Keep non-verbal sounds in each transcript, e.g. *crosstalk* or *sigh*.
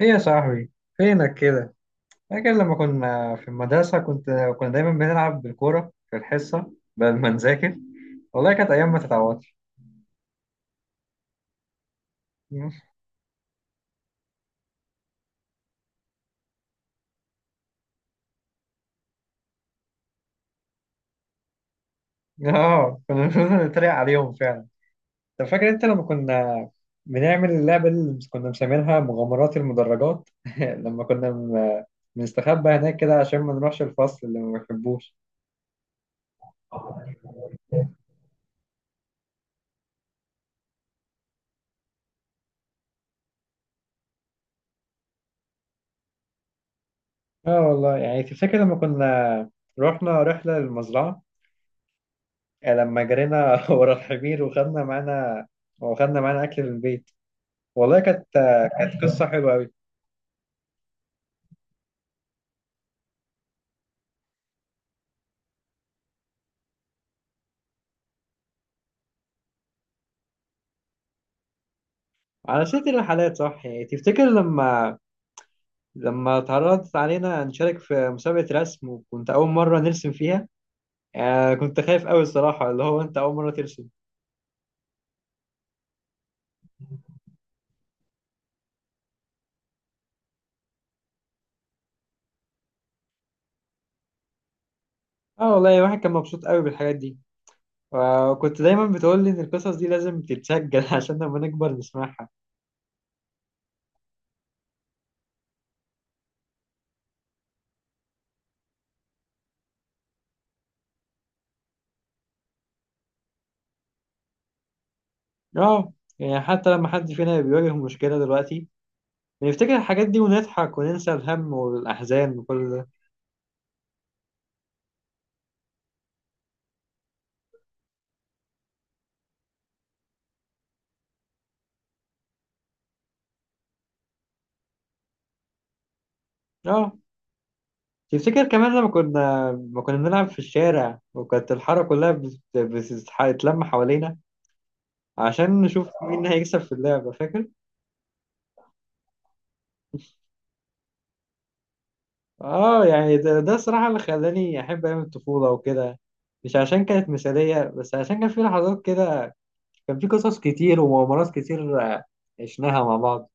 ايه يا صاحبي؟ فينك كده؟ فاكر لما كنا في المدرسة كنا دايما بنلعب بالكورة في الحصة بدل ما نذاكر. والله كانت أيام ما تتعوضش. *laughs* اه، كنا بنفضل نتريق عليهم فعلا. طب فاكر انت لما كنا بنعمل اللعبة اللي كنا مسمينها مغامرات المدرجات. *laughs* لما كنا بن- بنستخبى هناك كده عشان ما نروحش الفصل اللي ما بنحبوش. اه والله، يعني تفتكر لما كنا رحنا رحلة للمزرعة؟ يعني لما جرينا *laughs* ورا الحمير، وخدنا معانا أكل من البيت. والله كانت كانت قصة حلوة أوي. على سيرة الرحلات، صح، يعني تفتكر لما اتعرضت علينا نشارك في مسابقة رسم، وكنت أول مرة نرسم فيها. آه، كنت خايف أوي الصراحة، اللي هو أنت أول مرة ترسم. اه والله، الواحد كان مبسوط أوي بالحاجات دي. وكنت دايما بتقول لي إن القصص دي لازم تتسجل *laughs* عشان لما نكبر نسمعها. اه، يعني حتى لما حد فينا بيواجه مشكلة دلوقتي، نفتكر الحاجات دي ونضحك وننسى الهم والأحزان وكل ده. اه، تفتكر كمان لما كنا ما كنا بنلعب في الشارع، وكانت الحارة كلها بتتلم حوالينا عشان نشوف مين هيكسب في اللعبة، فاكر؟ اه، يعني ده الصراحة اللي خلاني أحب أيام الطفولة وكده. مش عشان كانت مثالية، بس عشان كان في لحظات كده، كان في قصص كتير ومغامرات كتير، آه، عشناها مع بعض.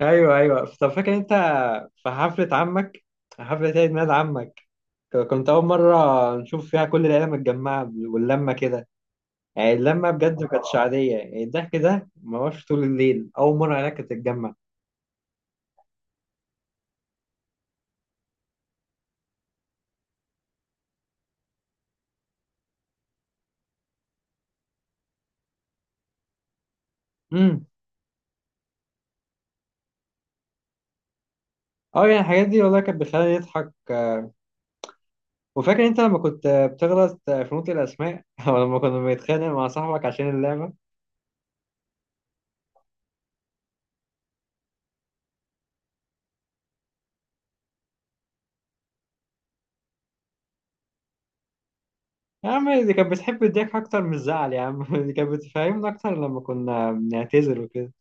ايوه، ايوه. طب فاكر انت في حفله عمك، حفله عيد ميلاد عمك؟ كنت اول مره نشوف فيها كل العيله متجمعه واللمه كده. يعني اللمه بجد ما كانتش عاديه، يعني الضحك ده ما هوش طول الليل. اول مره العيله كانت تتجمع. امم اه، يعني الحاجات دي والله كانت بتخليني اضحك. وفاكر انت لما كنت بتغلط في نطق الاسماء *laughs* او لما كنا بنتخانق مع صاحبك عشان اللعبه. يا عم دي كانت بتحب الضحك اكتر من الزعل يا عم. *laughs* دي كانت بتفهمنا اكتر لما كنا بنعتذر وكده.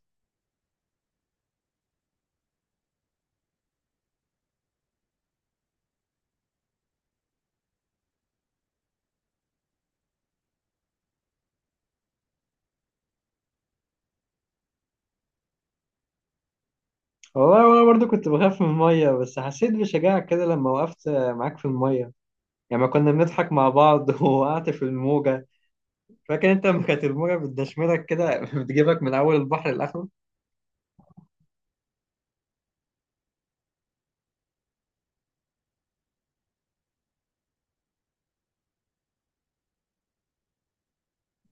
والله وانا برضو كنت بخاف من الميه، بس حسيت بشجاعة كده لما وقفت معاك في الميه. يعني ما كنا بنضحك مع بعض، *laughs* ووقعت في الموجة. فاكر انت لما كانت الموجة بتدشملك كده، *laughs* بتجيبك من اول البحر لاخره؟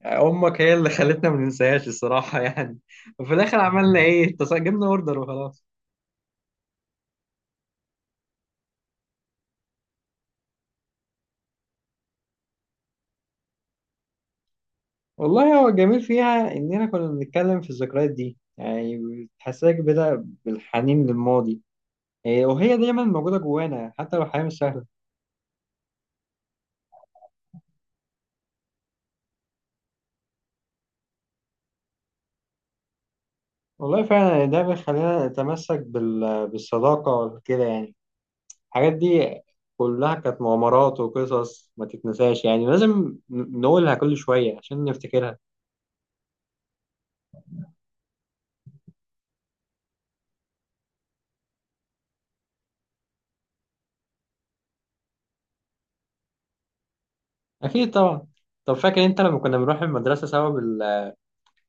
امك هي اللي خلتنا ما ننساهاش الصراحة، يعني وفي الاخر عملنا ايه، جبنا اوردر وخلاص. والله، هو الجميل فيها اننا كنا بنتكلم في الذكريات دي، يعني بتحسسك بدأ بالحنين للماضي، إيه، وهي دايما موجودة جوانا حتى لو الحياة مش سهلة. والله فعلا، يعني ده بيخلينا نتمسك بالصداقة كده، يعني الحاجات دي كلها كانت مغامرات وقصص ما تتنساش. يعني لازم نقولها كل شوية عشان نفتكرها. أكيد طبعا. طب فاكر أنت لما كنا بنروح المدرسة سوا بال...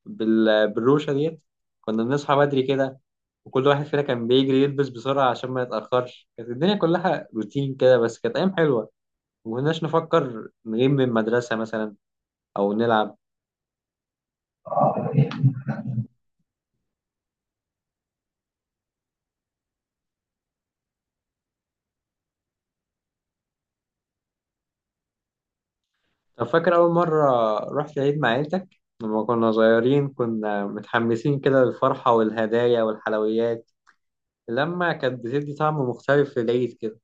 بال... بالروشة ديت؟ كنا بنصحى بدري كده، وكل واحد فينا كان بيجري يلبس بسرعة عشان ما يتأخرش. كانت الدنيا كلها روتين كده، بس كانت أيام حلوة. ما كناش نفكر نغيب من المدرسة مثلا، أو نلعب. طب فاكر أول مرة رحت العيد مع عيلتك لما كنا صغيرين؟ كنا متحمسين كده للفرحة والهدايا والحلويات، لما كانت بتدي طعم مختلف في العيد كده.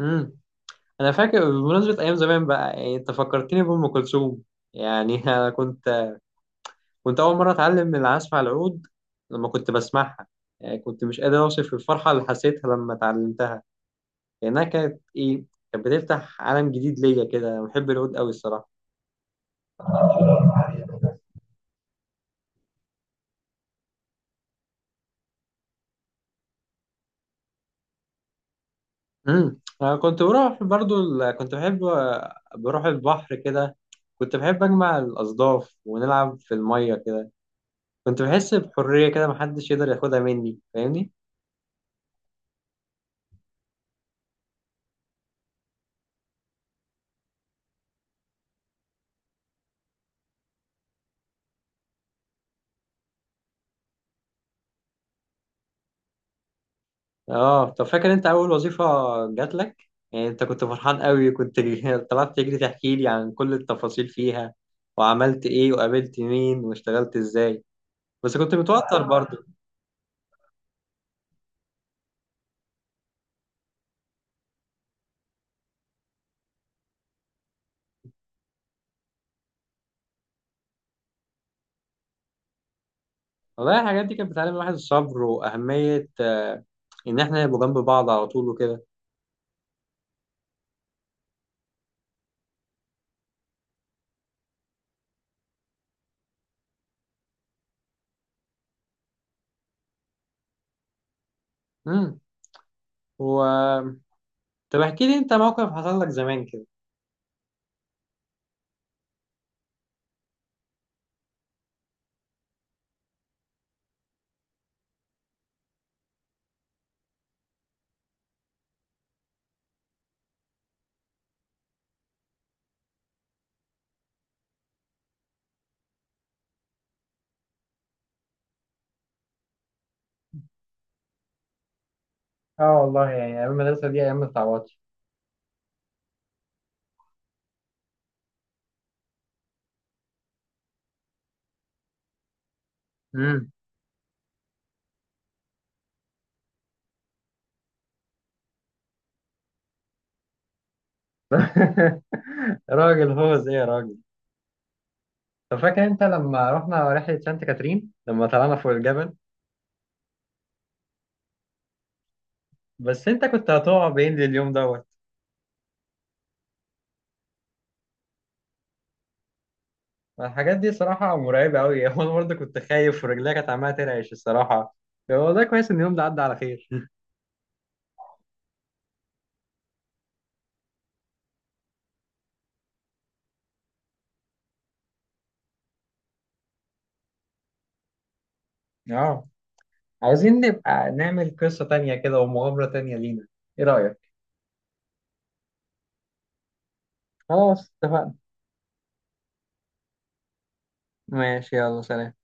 امم أنا فاكر بمناسبة أيام زمان بقى، يعني أنت فكرتني بأم كلثوم. يعني *laughs* أنا كنت كنت أول مرة أتعلم العزف على العود لما كنت بسمعها. يعني كنت مش قادر أوصف الفرحة اللي حسيتها لما اتعلمتها، لأنها كانت إيه، كانت بتفتح عالم جديد ليا كده. أنا بحب العود أوي الصراحة. امم، أنا كنت بروح برضو ال... كنت بحب بروح البحر كده. كنت بحب أجمع الأصداف ونلعب في المية كده. كنت بحس بحرية كده محدش يقدر ياخدها مني، فاهمني؟ اه. طب فاكر أنت أول وظيفة جات لك؟ يعني أنت كنت فرحان قوي، كنت *laughs* طلعت تجري تحكي لي عن كل التفاصيل فيها، وعملت إيه وقابلت مين واشتغلت إزاي. بس كنت متوتر برضو. والله الحاجات دي كانت بتعلم الواحد الصبر وأهمية، آه، إن إحنا نبقى جنب بعض على طول وكده. مم. و، طب احكي لي انت موقف حصل لك زمان كده. اه والله، يعني ايام المدرسه دي ايام ما تتعوضش. امم *laughs* راجل هو زي يا راجل. طب فاكر انت لما رحنا رحله سانت كاترين لما طلعنا فوق الجبل؟ بس انت كنت هتقع بين اليوم دوت. الحاجات دي صراحه مرعبه قوي، *laughs* وانا برضه كنت خايف ورجليا كانت عماله ترعش الصراحه. والله كويس ان اليوم ده عدى على خير. اه، عايزين نبقى نعمل قصه تانية كده ومغامره تانية لينا، ايه رايك؟ خلاص اتفقنا. ماشي، يلا سلام.